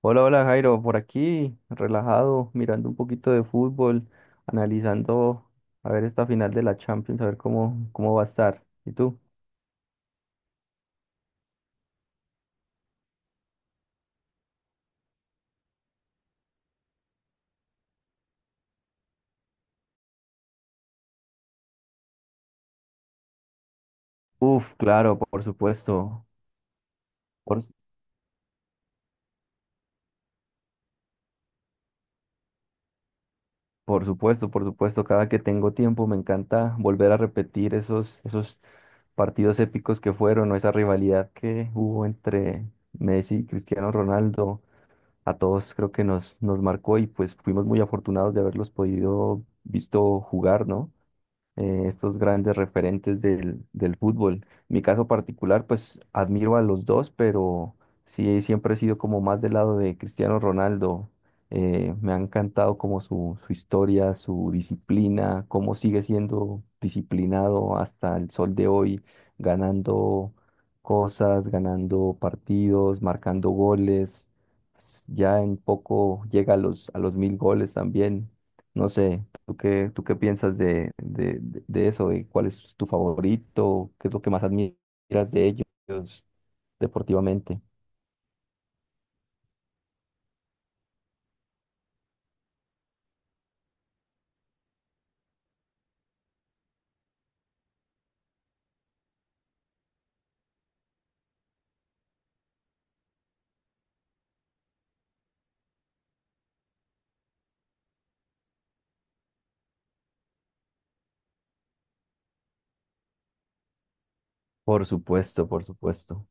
Hola, hola Jairo, por aquí, relajado, mirando un poquito de fútbol, analizando a ver esta final de la Champions, a ver cómo va a estar. ¿Y tú? Uf, claro, por supuesto, por, su- por supuesto, por supuesto, cada que tengo tiempo me encanta volver a repetir esos partidos épicos que fueron, o esa rivalidad que hubo entre Messi y Cristiano Ronaldo. A todos creo que nos marcó y pues fuimos muy afortunados de haberlos podido visto jugar, ¿no? Estos grandes referentes del fútbol. Mi caso particular, pues admiro a los dos, pero sí siempre he sido como más del lado de Cristiano Ronaldo. Me ha encantado como su historia, su disciplina, cómo sigue siendo disciplinado hasta el sol de hoy, ganando cosas, ganando partidos, marcando goles. Ya en poco llega a los 1000 goles también. No sé, ¿tú qué piensas de, de eso? ¿De cuál es tu favorito? ¿Qué es lo que más admiras de ellos deportivamente? Por supuesto, por supuesto.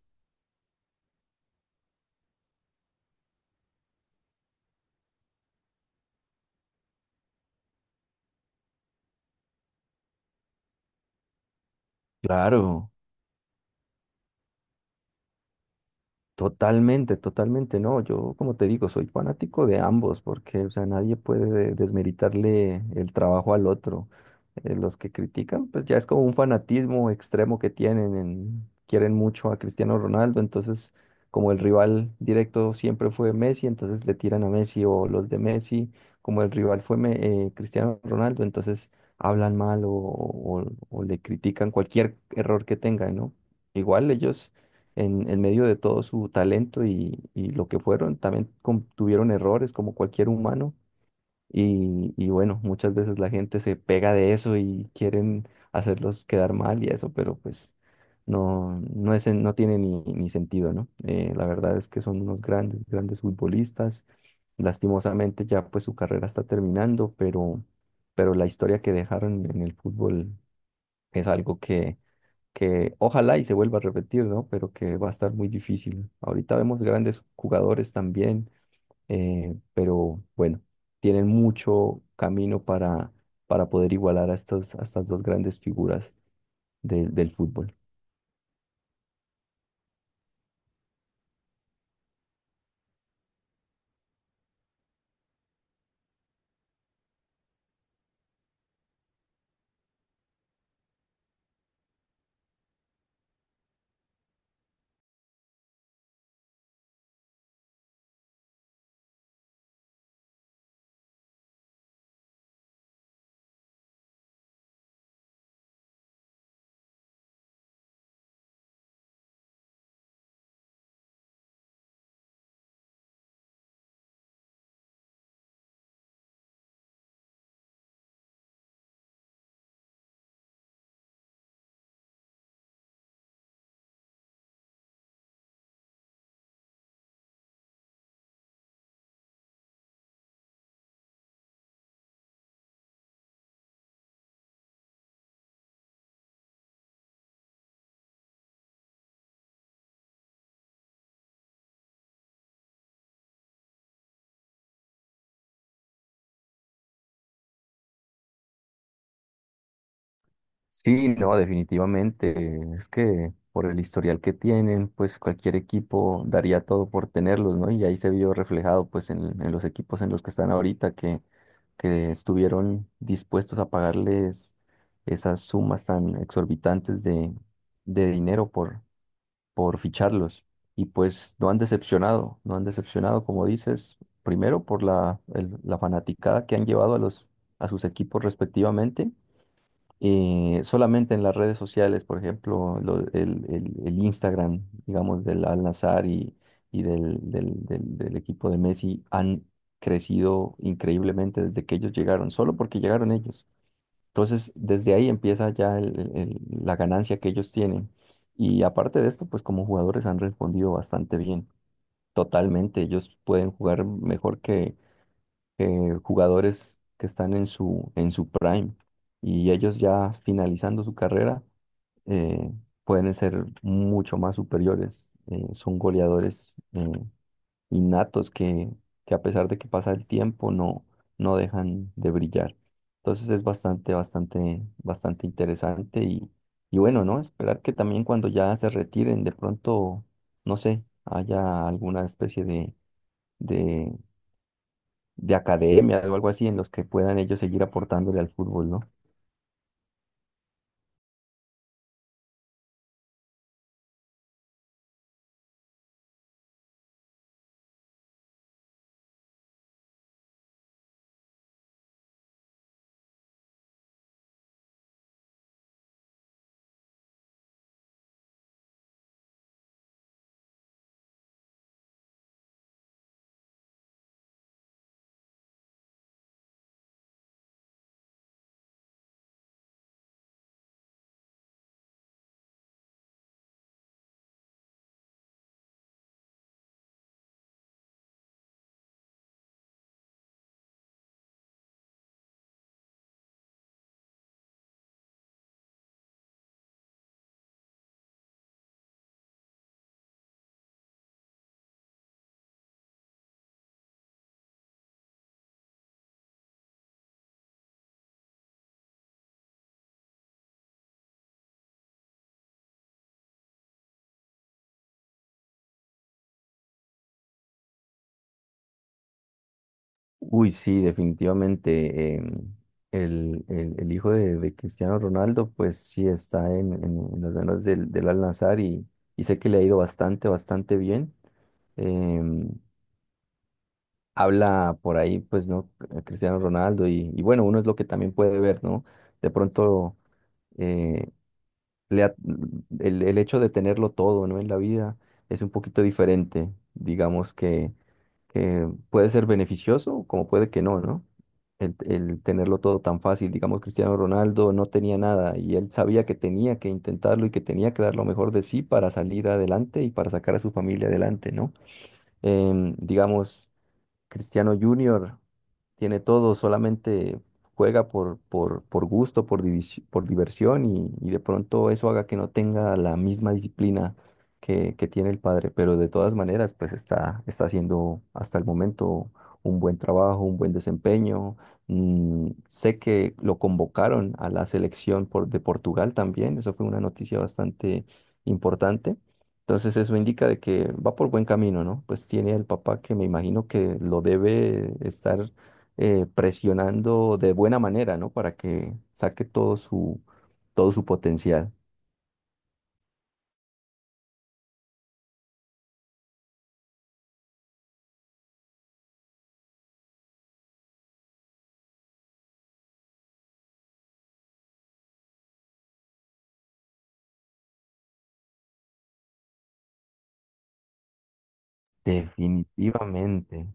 Claro. Totalmente, totalmente, no, yo como te digo, soy fanático de ambos, porque, o sea, nadie puede desmeritarle el trabajo al otro. Los que critican, pues ya es como un fanatismo extremo que tienen, quieren mucho a Cristiano Ronaldo, entonces como el rival directo siempre fue Messi, entonces le tiran a Messi o los de Messi, como el rival fue Cristiano Ronaldo, entonces hablan mal o, o le critican cualquier error que tengan, ¿no? Igual ellos en medio de todo su talento y lo que fueron, también tuvieron errores como cualquier humano y bueno, muchas veces la gente se pega de eso y quieren hacerlos quedar mal y eso, pero pues no, no es, no tiene ni sentido, ¿no? La verdad es que son unos grandes, grandes futbolistas. Lastimosamente ya pues su carrera está terminando, pero la historia que dejaron en el fútbol es algo que ojalá y se vuelva a repetir, ¿no? Pero que va a estar muy difícil. Ahorita vemos grandes jugadores también, pero bueno, tienen mucho camino para poder igualar a estas dos grandes figuras del fútbol. Sí, no, definitivamente. Es que por el historial que tienen, pues cualquier equipo daría todo por tenerlos, ¿no? Y ahí se vio reflejado pues en los equipos en los que están ahorita, que estuvieron dispuestos a pagarles esas sumas tan exorbitantes de dinero por ficharlos. Y pues no han decepcionado, no han decepcionado, como dices, primero por la fanaticada que han llevado a los, a sus equipos respectivamente. Solamente en las redes sociales, por ejemplo, el Instagram, digamos, del Al-Nassr y, del equipo de Messi han crecido increíblemente desde que ellos llegaron, solo porque llegaron ellos. Entonces, desde ahí empieza ya la ganancia que ellos tienen. Y aparte de esto, pues como jugadores han respondido bastante bien. Totalmente, ellos pueden jugar mejor. Jugadores que están en su prime y ellos ya finalizando su carrera eh, pueden ser mucho más superiores. Son goleadores innatos que a pesar de que pasa el tiempo no, no dejan de brillar. Entonces es bastante, bastante, bastante interesante y bueno, ¿no? Esperar que también cuando ya se retiren de pronto, no sé, haya alguna especie de de academia o algo así en los que puedan ellos seguir aportándole al fútbol, ¿no? Uy, sí, definitivamente. El hijo de Cristiano Ronaldo, pues sí está en, en las manos del Al-Nassr y sé que le ha ido bastante, bastante bien. Em, Habla por ahí, pues, ¿no? Cristiano Ronaldo y bueno, uno es lo que también puede ver, ¿no? De pronto, eh, le ha- el hecho de tenerlo todo, ¿no? En la vida es un poquito diferente. Digamos que puede ser beneficioso como puede que no, ¿no? El tenerlo todo tan fácil. Digamos, Cristiano Ronaldo no tenía nada y él sabía que tenía que intentarlo y que tenía que dar lo mejor de sí para salir adelante y para sacar a su familia adelante, ¿no? Digamos, Cristiano Junior tiene todo, solamente juega por gusto, por, por diversión y de pronto eso haga que no tenga la misma disciplina que tiene el padre, pero de todas maneras pues está, está haciendo hasta el momento un buen trabajo, un buen desempeño. Mm, sé que lo convocaron a la selección por, de Portugal también, eso fue una noticia bastante importante. Entonces eso indica de que va por buen camino, ¿no? Pues tiene el papá que me imagino que lo debe estar presionando de buena manera, ¿no? Para que saque todo su potencial. Definitivamente.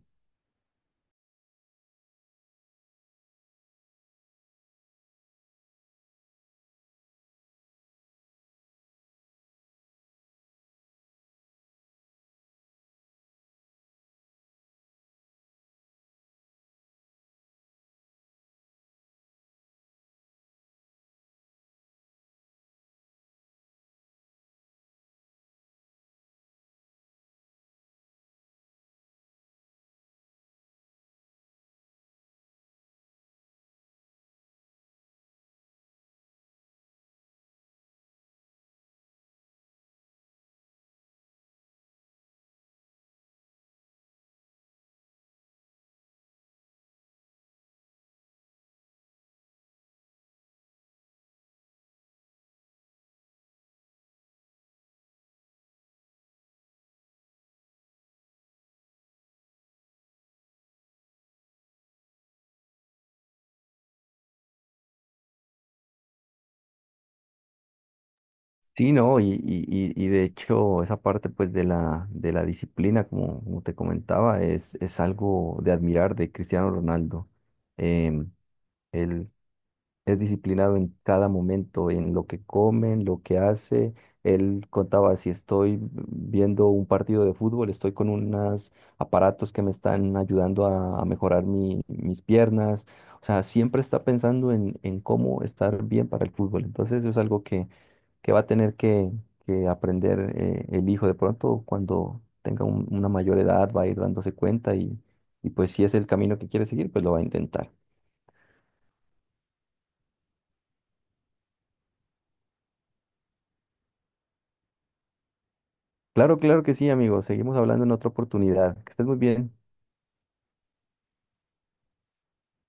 Sí, no, y, y de hecho esa parte pues de la disciplina, como, como te comentaba, es algo de admirar de Cristiano Ronaldo. El es disciplinado en cada momento, en lo que come, en lo que hace. Él contaba, si estoy viendo un partido de fútbol, estoy con unos aparatos que me están ayudando a mejorar mis piernas. O sea, siempre está pensando en cómo estar bien para el fútbol. Entonces, eso es algo que va a tener que aprender el hijo. De pronto, cuando tenga una mayor edad, va a ir dándose cuenta y pues si es el camino que quiere seguir, pues lo va a intentar. Claro, claro que sí, amigo. Seguimos hablando en otra oportunidad. Que estés muy bien.